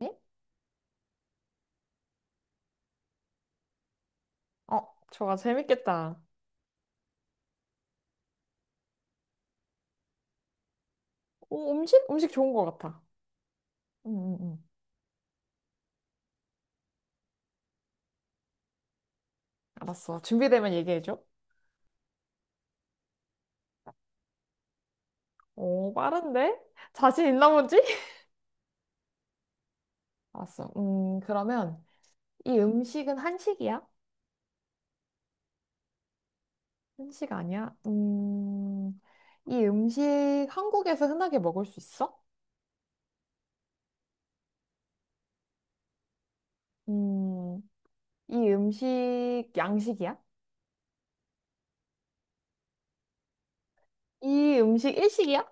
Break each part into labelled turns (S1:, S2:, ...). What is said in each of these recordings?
S1: 네? 어, 저거 재밌겠다. 오, 음식? 음식 좋은 것 같아. 응, 응, 응. 알았어. 준비되면 얘기해줘. 오, 빠른데? 자신 있나 보지? 알았어. 그러면 이 음식은 한식이야? 한식 아니야? 이 음식 한국에서 흔하게 먹을 수 있어? 음, 이 음식 양식이야? 이 음식 일식이야?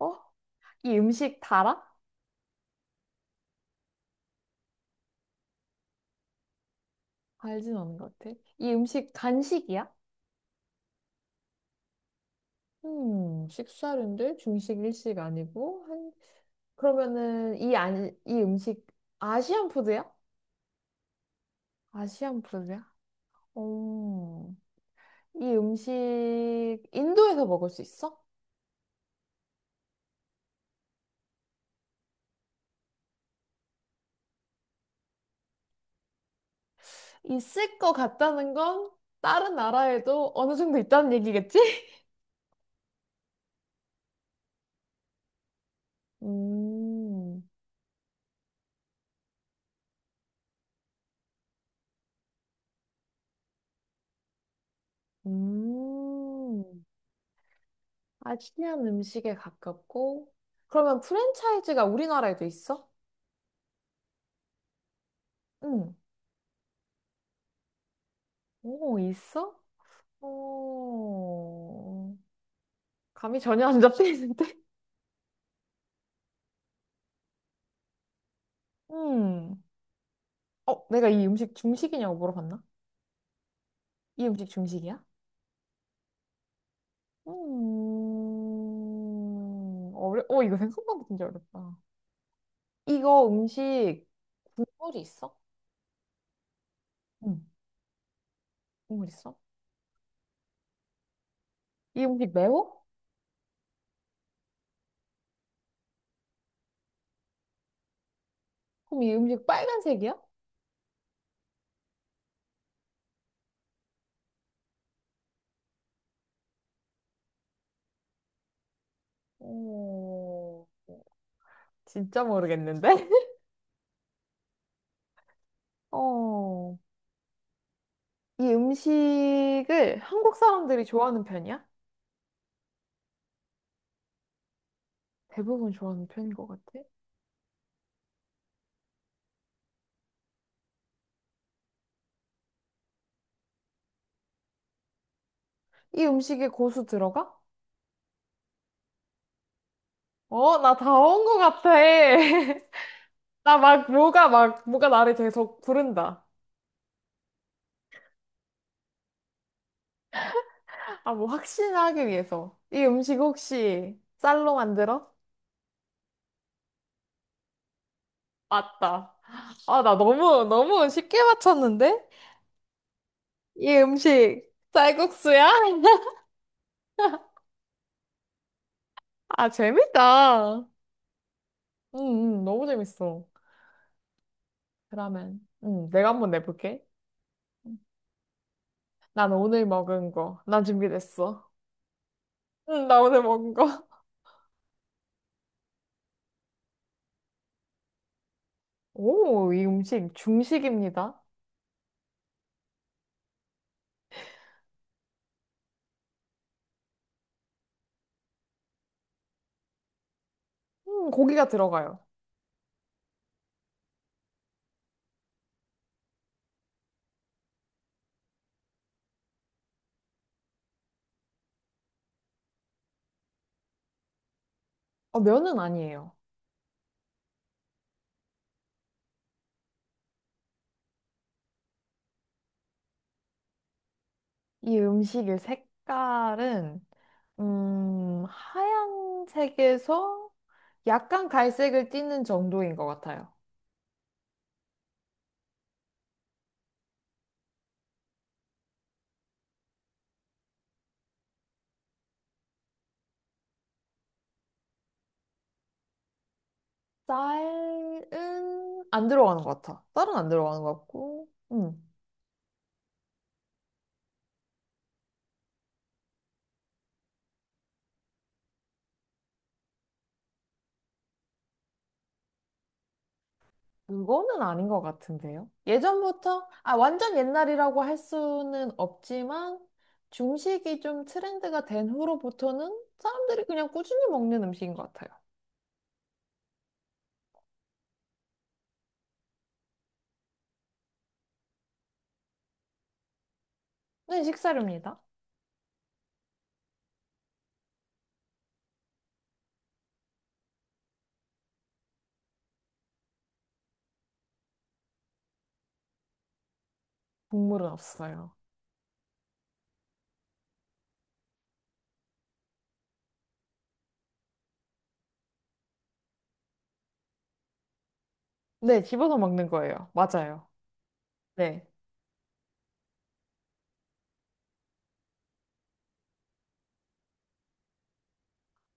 S1: 어? 이 음식 달아? 알진 않은 것 같아. 이 음식 간식이야? 식사류인데 중식 일식 아니고 한 그러면은 이 아니 이 음식 아시안 푸드야? 아시안 푸드야? 오, 이 음식 인도에서 먹을 수 있어? 있을 것 같다는 건 다른 나라에도 어느 정도 있다는 얘기겠지? 음, 음, 아시안 음식에 가깝고 그러면 프랜차이즈가 우리나라에도 있어? 응. 오, 있어? 어, 감이 전혀 안 잡히는데? 음. 어, 내가 이 음식 중식이냐고 물어봤나? 이 음식 중식이야? 음. 이거 생각보다 진짜 어렵다. 이거 음식 국물이 있어? 응, 국물 있어? 이 음식 매워? 그럼 이 음식 빨간색이야? 어, 진짜 모르겠는데? 어, 이 음식을 한국 사람들이 좋아하는 편이야? 대부분 좋아하는 편인 것 같아. 이 음식에 고수 들어가? 어, 나 다 온 것 같아. 나 막, 뭐가 막, 뭐가 나를 계속 부른다. 아, 뭐, 확신하기 위해서. 이 음식 혹시 쌀로 만들어? 맞다. 아, 나 너무, 너무 쉽게 맞췄는데? 이 음식 쌀국수야? 아, 재밌다. 응, 응, 너무 재밌어. 그러면, 응, 내가 한번 내볼게. 난 오늘 먹은 거. 난 준비됐어. 응, 나 오늘 먹은 거. 오, 이 음식 중식입니다. 고기가 들어가요. 어, 면은 아니에요. 이 음식의 색깔은, 하얀색에서 약간 갈색을 띠는 정도인 것 같아요. 쌀은 안 들어가는 것 같아. 쌀은 안 들어가는 것 같고, 그거는 아닌 것 같은데요. 예전부터, 아, 완전 옛날이라고 할 수는 없지만, 중식이 좀 트렌드가 된 후로부터는 사람들이 그냥 꾸준히 먹는 음식인 것 같아요. 네, 식사료입니다. 국물은 없어요. 네, 집어서 먹는 거예요. 맞아요. 네.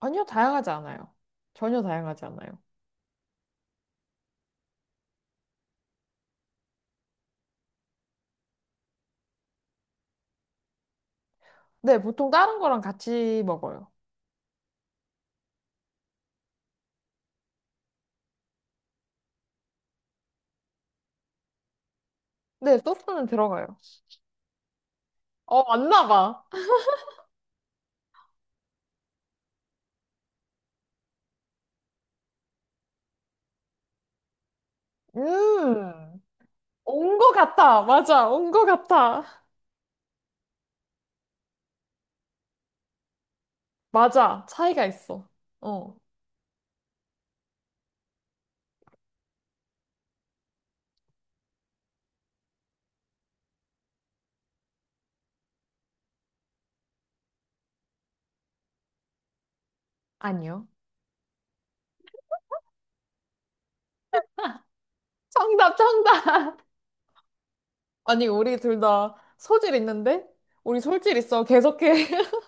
S1: 전혀 다양하지 않아요. 전혀 다양하지 않아요. 네, 보통 다른 거랑 같이 먹어요. 네, 소스는 들어가요. 어, 맞나 봐. 음, 온 거 같아. 맞아, 온 거 같아. 맞아, 차이가 있어. 어, 아니요. 정답, 정답. 아니, 우리 둘 다 소질 있는데? 우리 소질 있어. 계속해.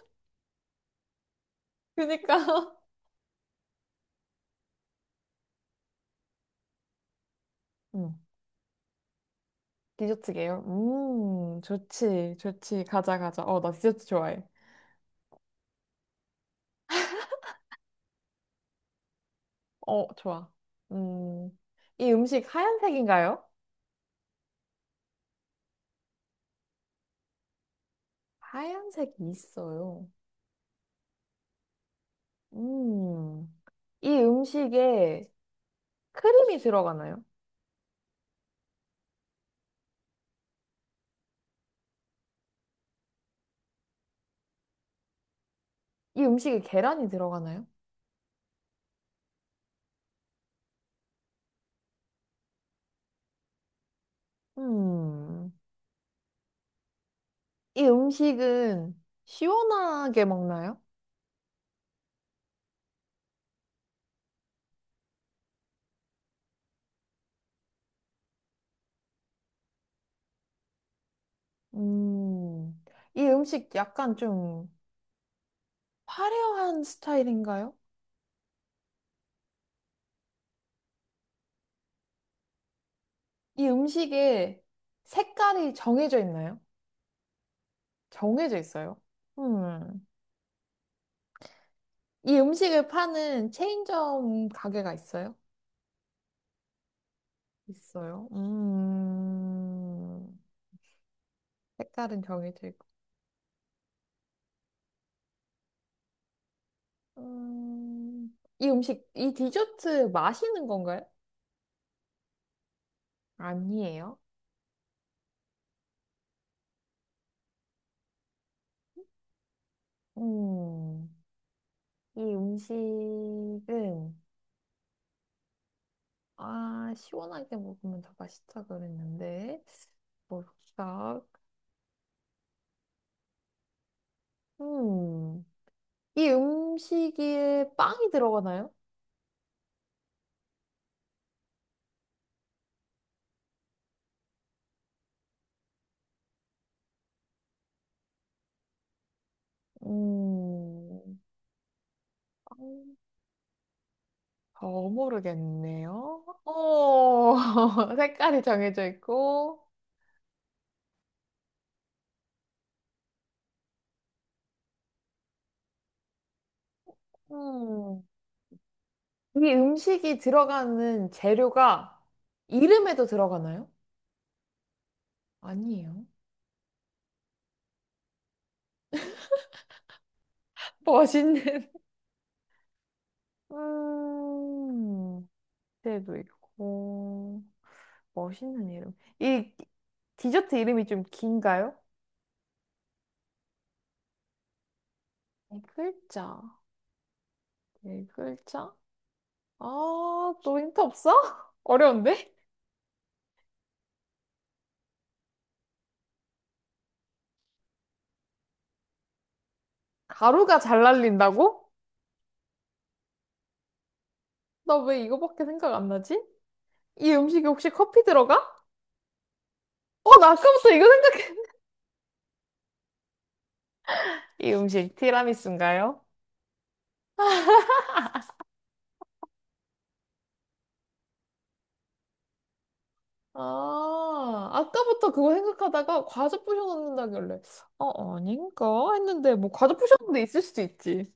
S1: 그니까. 음. 디저트계요 좋지, 좋지. 가자, 가자. 어, 나 디저트 좋아해. 어, 좋아. 음, 이 음식 하얀색인가요? 하얀색이 있어요. 음, 이 음식에 크림이 들어가나요? 이 음식에 계란이 들어가나요? 음, 이 음식은 시원하게 먹나요? 음, 이 음식 약간 좀 화려한 스타일인가요? 이 음식에 색깔이 정해져 있나요? 정해져 있어요. 음. 이 음식을 파는 체인점 가게가 있어요? 있어요. 음. 색깔은 정해져 있고. 음. 이 디저트 마시는 건가요? 아니에요. 음. 이 음식은 아, 시원하게 먹으면 더 맛있다 그랬는데. 뭘까? 음. 이 음식에 빵이 들어가나요? 음. 빵. 더 모르겠네요. 오, 색깔이 정해져 있고, 음, 이 음식이 들어가는 재료가 이름에도 들어가나요? 아니에요. 멋있는, 음, 때도 있고, 멋있는 이름. 이 디저트 이름이 좀 긴가요? 네 글자, 네 글자? 아, 또 힌트 없어? 어려운데? 가루가 잘 날린다고? 나 왜 이거밖에 생각 안 나지? 이 음식에 혹시 커피 들어가? 어, 나 아까부터 이거 생각해. 이 음식 티라미수인가요? 아, 아까부터 그거 생각하다가 과자 부셔 넣는다길래. 어, 아닌가? 했는데, 뭐, 과자 부셔 넣는 데 있을 수도 있지.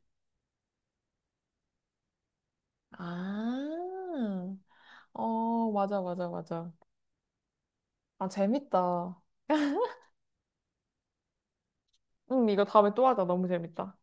S1: 아, 어, 맞아, 맞아, 맞아. 아, 재밌다. 응, 이거 다음에 또 하자. 너무 재밌다.